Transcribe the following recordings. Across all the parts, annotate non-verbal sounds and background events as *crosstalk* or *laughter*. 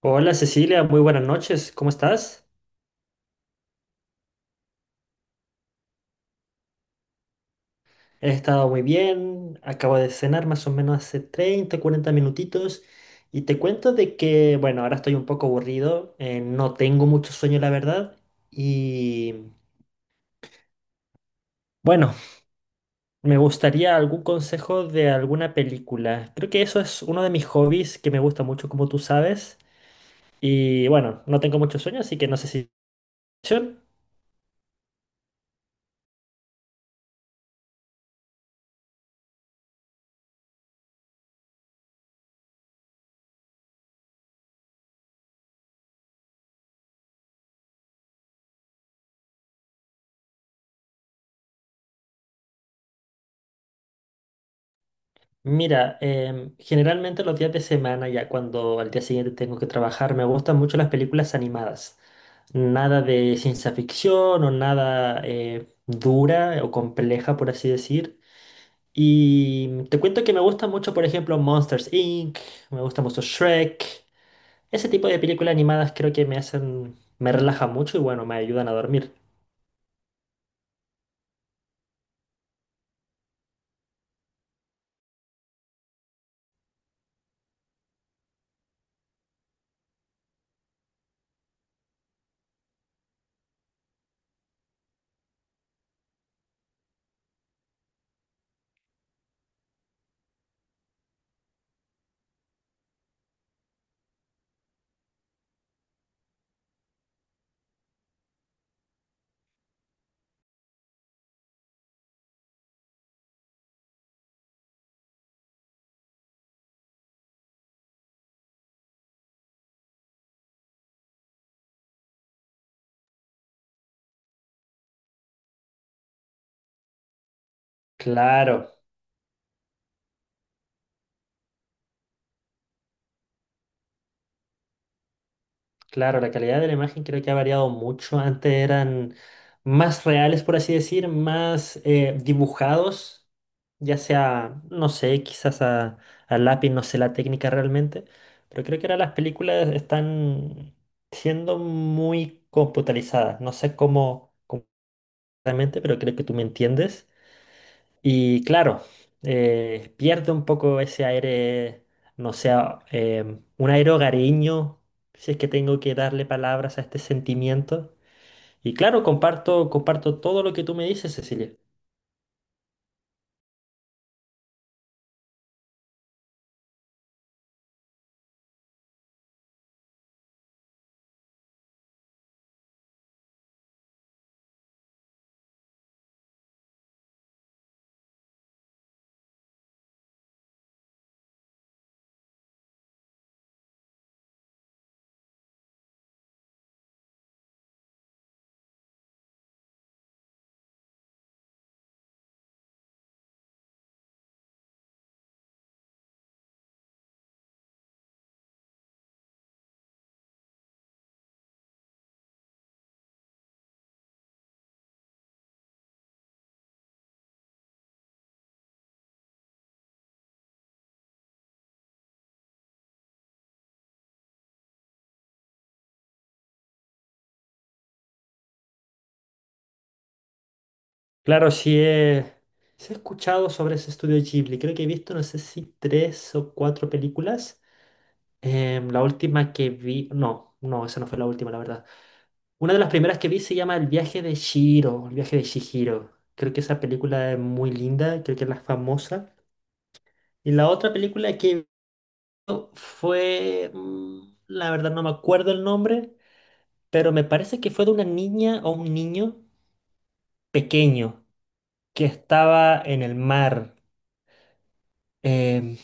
Hola Cecilia, muy buenas noches, ¿cómo estás? He estado muy bien, acabo de cenar más o menos hace 30, 40 minutitos y te cuento de que, bueno, ahora estoy un poco aburrido, no tengo mucho sueño la verdad y, bueno, me gustaría algún consejo de alguna película. Creo que eso es uno de mis hobbies que me gusta mucho, como tú sabes, y bueno, no tengo mucho sueño, así que no sé si... Mira, generalmente los días de semana, ya cuando al día siguiente tengo que trabajar, me gustan mucho las películas animadas. Nada de ciencia ficción o nada dura o compleja, por así decir. Y te cuento que me gusta mucho, por ejemplo, Monsters Inc., me gusta mucho Shrek. Ese tipo de películas animadas creo que me hacen, me relaja mucho y bueno, me ayudan a dormir. Claro, claro, la calidad de la imagen creo que ha variado mucho. Antes eran más reales, por así decir, más dibujados, ya sea, no sé, quizás a lápiz, no sé la técnica realmente, pero creo que ahora las películas están siendo muy computarizadas. No sé cómo, cómo realmente, pero creo que tú me entiendes. Y claro, pierde un poco ese aire, no sé, un aire hogareño, si es que tengo que darle palabras a este sentimiento. Y claro, comparto, comparto todo lo que tú me dices, Cecilia. Claro, sí he escuchado sobre ese estudio Ghibli. Creo que he visto, no sé si tres o cuatro películas. La última que vi, no, no, esa no fue la última, la verdad. Una de las primeras que vi se llama El viaje de Shihiro, El viaje de Chihiro. Creo que esa película es muy linda, creo que es la famosa. Y la otra película que vi fue, la verdad no me acuerdo el nombre, pero me parece que fue de una niña o un niño pequeño que estaba en el mar. Em,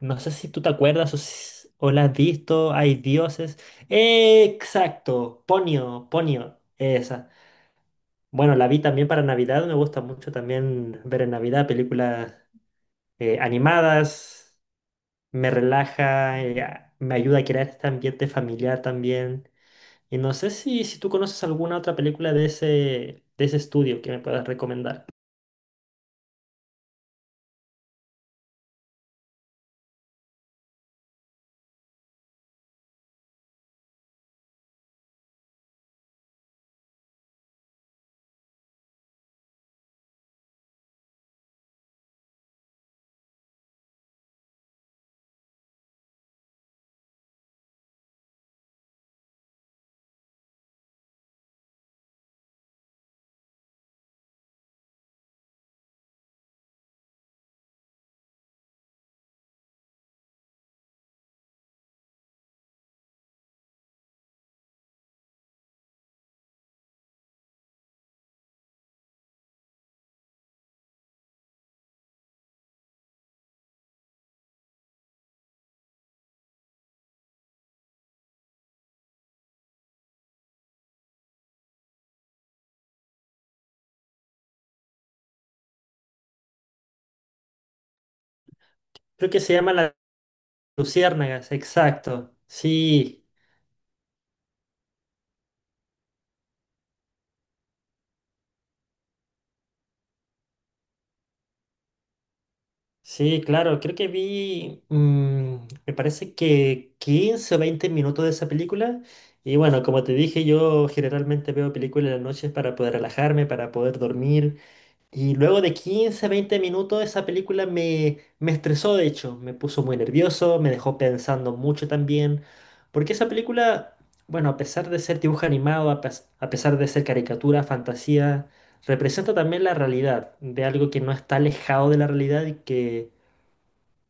no sé si tú te acuerdas o, o la has visto, hay dioses. Exacto, Ponio, Ponio, esa. Bueno, la vi también para Navidad, me gusta mucho también ver en Navidad películas animadas, me relaja, me ayuda a crear este ambiente familiar también. Y no sé si, si tú conoces alguna otra película de ese estudio que me puedas recomendar. Creo que se llama La Luciérnagas, exacto. Sí. Sí, claro, creo que vi, me parece que 15 o 20 minutos de esa película. Y bueno, como te dije, yo generalmente veo películas en las noches para poder relajarme, para poder dormir. Y luego de 15 a 20 minutos esa película me, me estresó, de hecho, me puso muy nervioso, me dejó pensando mucho también. Porque esa película, bueno, a pesar de ser dibujo animado, a pesar de ser caricatura, fantasía, representa también la realidad, de algo que no está alejado de la realidad y que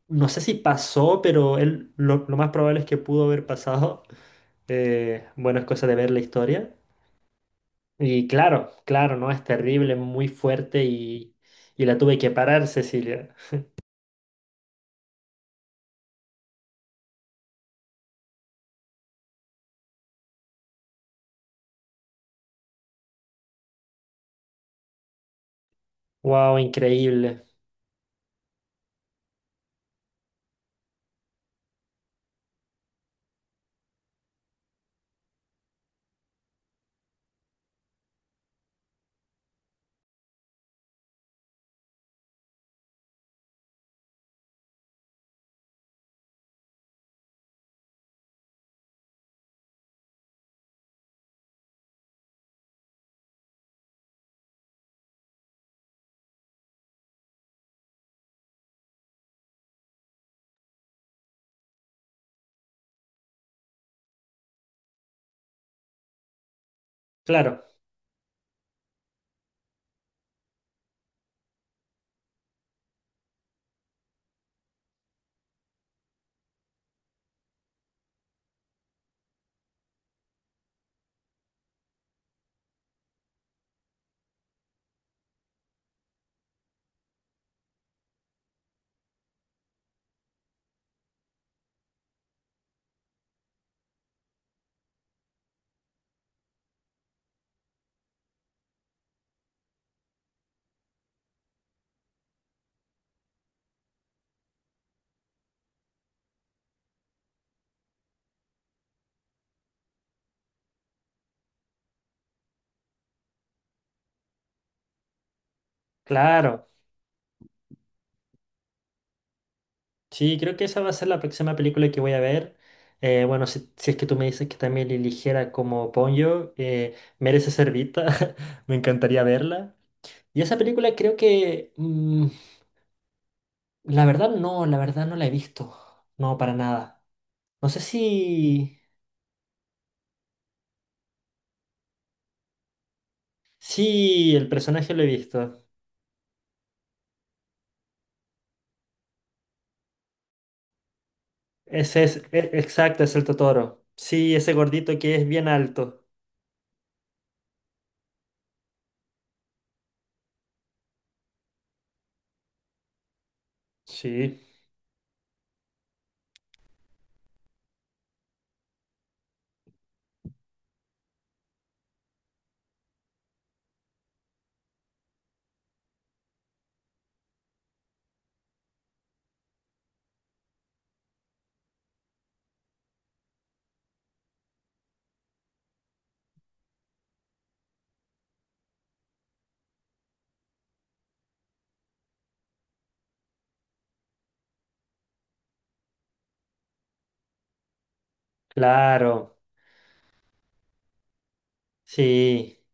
no sé si pasó, pero él lo más probable es que pudo haber pasado. Bueno, es cosa de ver la historia. Y claro, claro, ¿no? Es terrible, muy fuerte y la tuve que parar, Cecilia. Wow, increíble. Claro, claro. Sí, creo que esa va a ser la próxima película que voy a ver. Bueno, si, si es que tú me dices que también eligiera como Ponyo, merece ser vista. *laughs* Me encantaría verla. Y esa película creo que... la verdad no, la verdad no la he visto. No, para nada. No sé si... Sí, el personaje lo he visto. Ese es, exacto, es el Totoro. Sí, ese gordito que es bien alto. Sí, claro. Sí,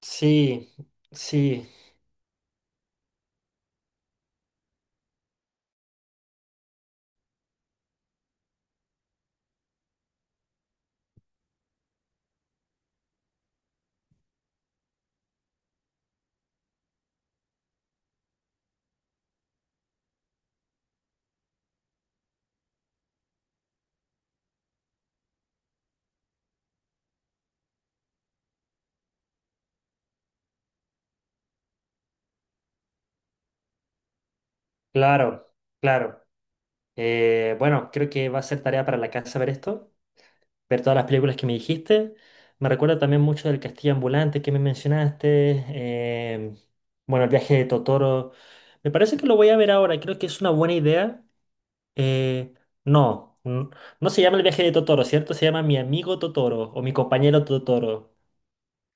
sí, sí, claro, claro. Bueno, creo que va a ser tarea para la casa ver esto. Ver todas las películas que me dijiste. Me recuerda también mucho del Castillo Ambulante que me mencionaste. em, bueno, el viaje de Totoro. Me parece que lo voy a ver ahora. Creo que es una buena idea. Eh, no, n- no se llama el viaje de Totoro, ¿cierto? Se llama mi amigo Totoro o mi compañero Totoro.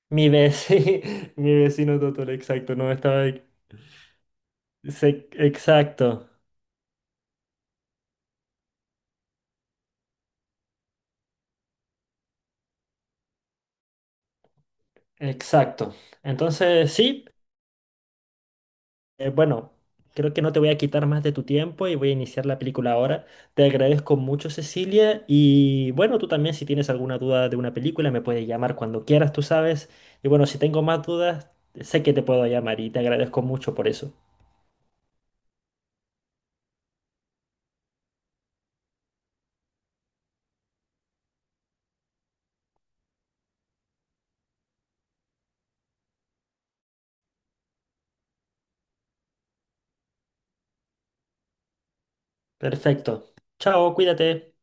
Mi vecino, *laughs* mi vecino Totoro, exacto. No estaba. Exacto, exacto. Entonces, sí. Bueno, creo que no te voy a quitar más de tu tiempo y voy a iniciar la película ahora. Te agradezco mucho, Cecilia. Y bueno, tú también si tienes alguna duda de una película, me puedes llamar cuando quieras, tú sabes. Y bueno, si tengo más dudas, sé que te puedo llamar y te agradezco mucho por eso. Perfecto. Chao, cuídate.